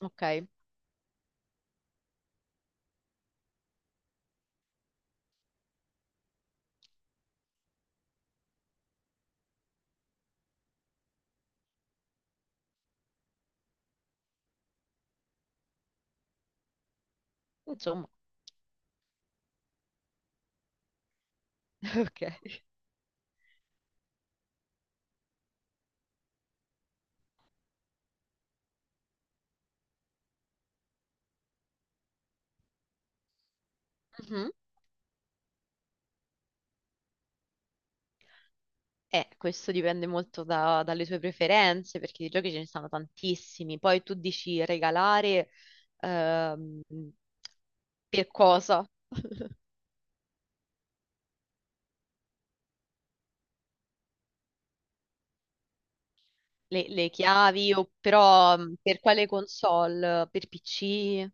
Ok, insomma. Ok. Mhm. Questo dipende molto dalle tue preferenze, perché di giochi ce ne sono tantissimi. Poi tu dici regalare, ehm, per cosa? Le chiavi, o però per quale console? Per PC?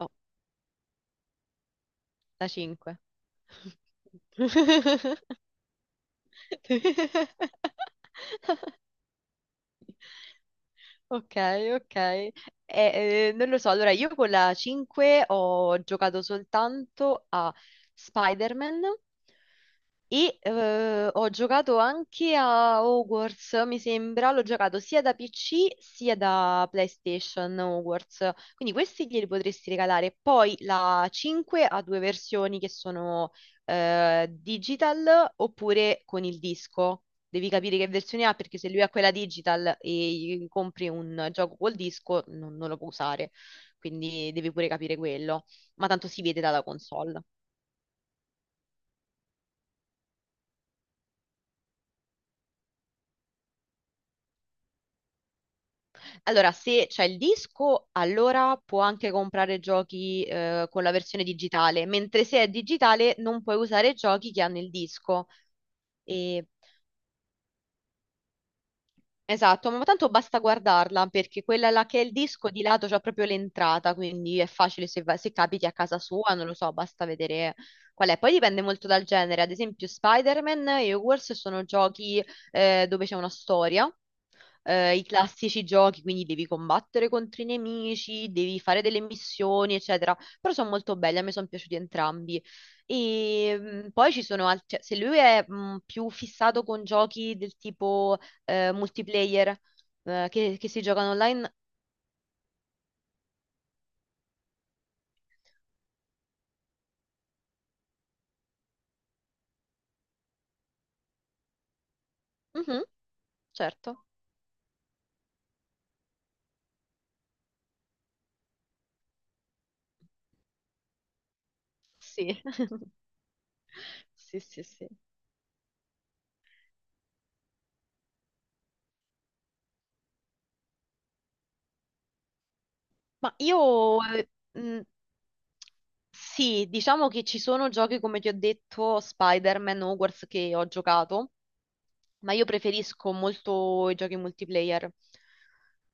Oh, la 5. Ok, ok. Non lo so, allora io con la 5 ho giocato soltanto a Spider-Man e ho giocato anche a Hogwarts, mi sembra, l'ho giocato sia da PC sia da PlayStation Hogwarts, quindi questi glieli potresti regalare. Poi la 5 ha due versioni che sono digital oppure con il disco. Devi capire che versione ha, perché se lui ha quella digital e gli compri un gioco col disco non lo può usare, quindi devi pure capire quello, ma tanto si vede dalla console. Allora, se c'è il disco, allora può anche comprare giochi con la versione digitale, mentre se è digitale non puoi usare giochi che hanno il disco. E Esatto, ma tanto basta guardarla perché quella là che è il disco di lato c'ha proprio l'entrata, quindi è facile se capiti a casa sua, non lo so, basta vedere qual è. Poi dipende molto dal genere, ad esempio Spider-Man e Hogwarts sono giochi dove c'è una storia, i classici giochi, quindi devi combattere contro i nemici, devi fare delle missioni, eccetera. Però sono molto belli, a me sono piaciuti entrambi. E poi ci sono altri, se lui è più fissato con giochi del tipo multiplayer che si giocano online. Mhm, certo. Sì. Sì, sì, sì. Ma io sì, diciamo che ci sono giochi come ti ho detto, Spider-Man, Hogwarts, che ho giocato, ma io preferisco molto i giochi multiplayer,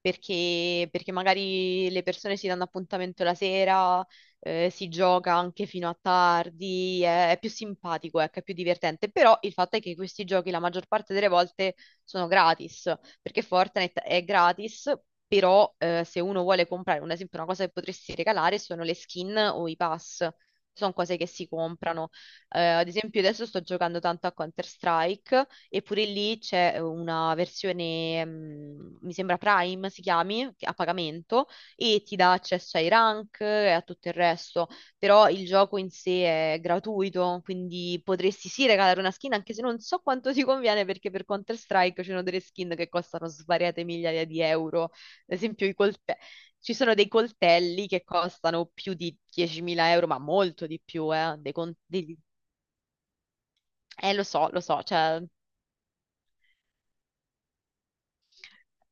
perché magari le persone si danno appuntamento la sera, si gioca anche fino a tardi, è più simpatico, ecco, è più divertente. Però il fatto è che questi giochi la maggior parte delle volte sono gratis, perché Fortnite è gratis. Però se uno vuole comprare, un esempio, una cosa che potresti regalare sono le skin o i pass, sono cose che si comprano. Ad esempio, adesso sto giocando tanto a Counter-Strike, e pure lì c'è una versione, mi sembra Prime si chiami, a pagamento, e ti dà accesso ai rank e a tutto il resto. Però il gioco in sé è gratuito, quindi potresti sì regalare una skin, anche se non so quanto ti conviene, perché per Counter-Strike ci sono delle skin che costano svariate migliaia di euro. Ad esempio, i coltelli, ci sono dei coltelli che costano più di 10.000 euro, ma molto di più, lo so, cioè,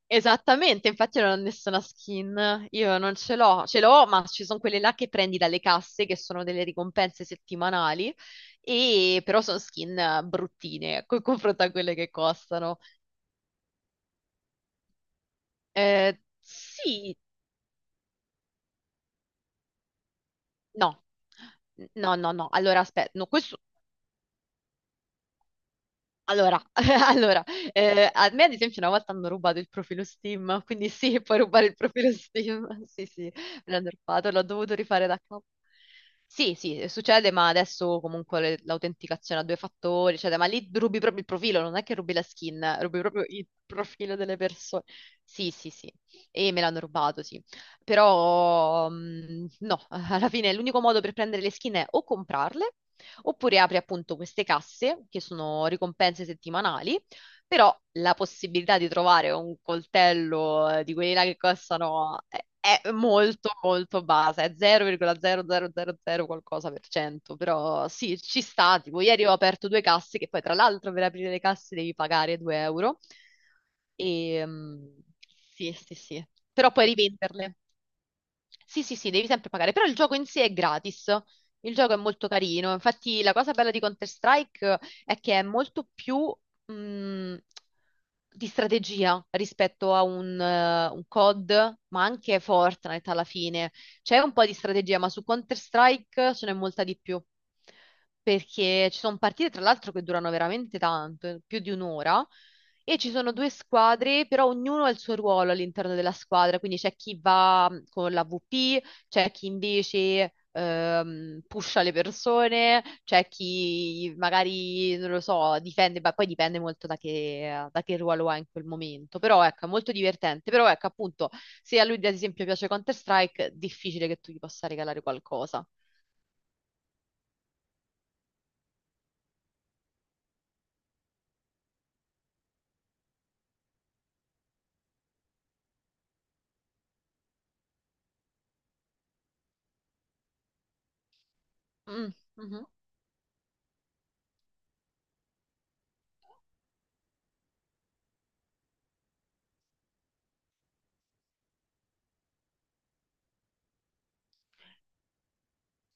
esattamente, infatti io non ho nessuna skin, io non ce l'ho, ce l'ho, ma ci sono quelle là che prendi dalle casse, che sono delle ricompense settimanali, e però sono skin bruttine, con confronto a quelle che costano. Sì, no, no, no, no, allora aspetta, no, questo. Allora, allora, a me ad esempio una volta hanno rubato il profilo Steam, quindi sì, puoi rubare il profilo Steam, sì sì, me l'hanno rubato, l'ho dovuto rifare da capo. Sì, sì, succede, ma adesso comunque l'autenticazione a due fattori, eccetera, ma lì rubi proprio il profilo, non è che rubi la skin, rubi proprio il profilo delle persone. Sì, sì, sì, e me l'hanno rubato, sì. Però, no, alla fine l'unico modo per prendere le skin è o comprarle, oppure apri appunto queste casse che sono ricompense settimanali, però la possibilità di trovare un coltello di quelli là che costano è molto molto bassa, è 0,0000 qualcosa per cento, però sì, ci sta, tipo ieri ho aperto due casse che poi tra l'altro per aprire le casse devi pagare 2 euro e sì, sì, sì, però puoi rivenderle. Sì, sì, sì, devi sempre pagare, però il gioco in sé è gratis, il gioco è molto carino, infatti la cosa bella di Counter-Strike è che è molto più mh, di strategia rispetto a un COD, ma anche Fortnite alla fine. C'è un po' di strategia, ma su Counter-Strike ce n'è molta di più, perché ci sono partite tra l'altro che durano veramente tanto, più di un'ora, e ci sono due squadre, però ognuno ha il suo ruolo all'interno della squadra, quindi c'è chi va con l'AVP, c'è chi invece pusha le persone, c'è chi magari, non lo so, difende, ma poi dipende molto da che ruolo ha in quel momento. Però ecco, è molto divertente. Però ecco, appunto, se a lui ad esempio piace Counter-Strike, difficile che tu gli possa regalare qualcosa. Mm, mhm.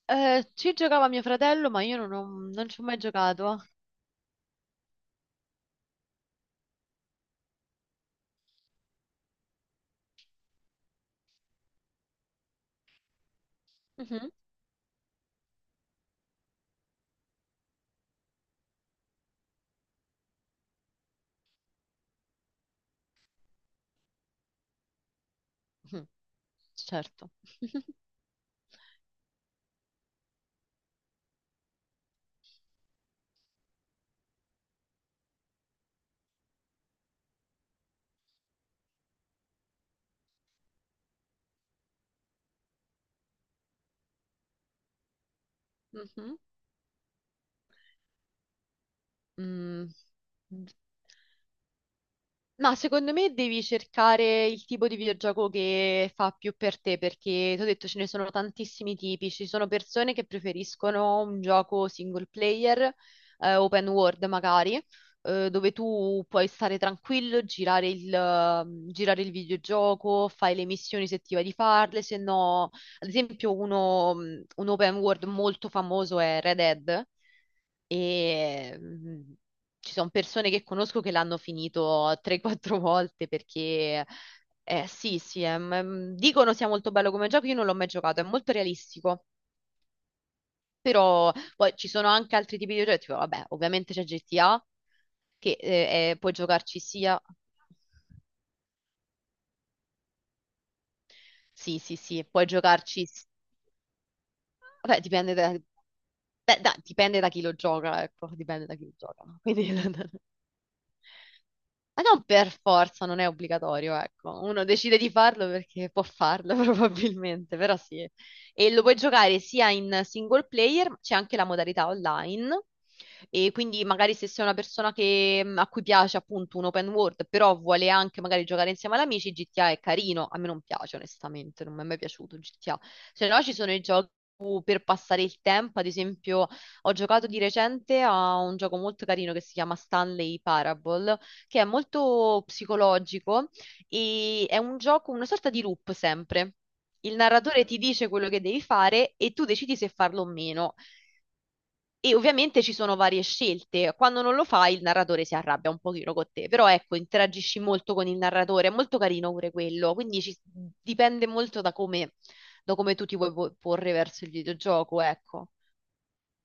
Ci giocava mio fratello, ma io non ci ho mai giocato. Mhm, mhm, certo. Mhm. Mm. Ma secondo me devi cercare il tipo di videogioco che fa più per te, perché ti ho detto ce ne sono tantissimi tipi. Ci sono persone che preferiscono un gioco single player, open world magari, dove tu puoi stare tranquillo, girare il, girare il videogioco, fai le missioni se ti va di farle, se no, ad esempio un open world molto famoso è Red Dead. E, ci sono persone che conosco che l'hanno finito 3-4 volte, perché sì, sì, dicono sia molto bello come gioco, io non l'ho mai giocato, è molto realistico, però poi ci sono anche altri tipi di giochi, tipo, vabbè, ovviamente c'è GTA che puoi giocarci, sia sì, sì, sì, puoi giocarci. Vabbè, dipende da, beh, dipende da chi lo gioca, ecco, dipende da chi lo gioca, no? Quindi Ma non per forza, non è obbligatorio, ecco. Uno decide di farlo perché può farlo probabilmente, però sì. E lo puoi giocare sia in single player, ma c'è anche la modalità online. E quindi magari se sei una persona a cui piace appunto un open world, però vuole anche magari giocare insieme ad amici, GTA è carino. A me non piace, onestamente, non mi è mai piaciuto GTA. Se no ci sono i giochi per passare il tempo, ad esempio, ho giocato di recente a un gioco molto carino che si chiama Stanley Parable, che è molto psicologico e è un gioco, una sorta di loop sempre. Il narratore ti dice quello che devi fare e tu decidi se farlo o meno. E ovviamente ci sono varie scelte. Quando non lo fai, il narratore si arrabbia un pochino con te, però ecco, interagisci molto con il narratore, è molto carino pure quello, quindi dipende molto da come tu ti vuoi porre verso il videogioco, ecco.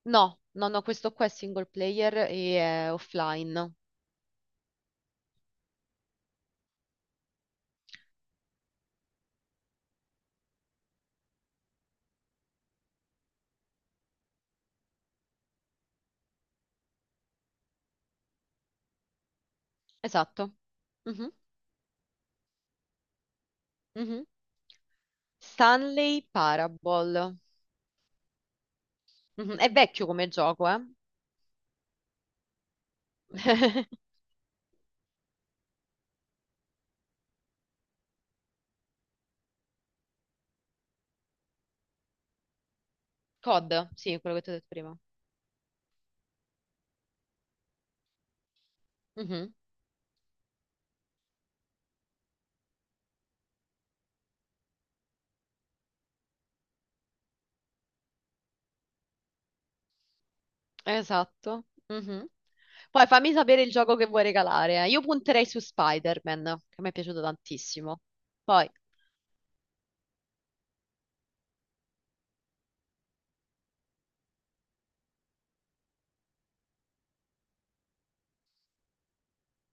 No, no, no, questo qua è single player e è offline. Esatto. Mhm, mhm. Stanley Parable. Mhm. È vecchio come gioco, eh? COD, sì, quello che ti ho detto prima. Mhm. Esatto. Mhm. Poi fammi sapere il gioco che vuoi regalare. Io punterei su Spider-Man, che mi è piaciuto tantissimo. Poi,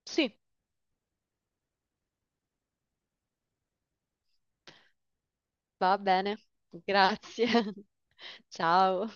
sì, va bene. Grazie. Ciao.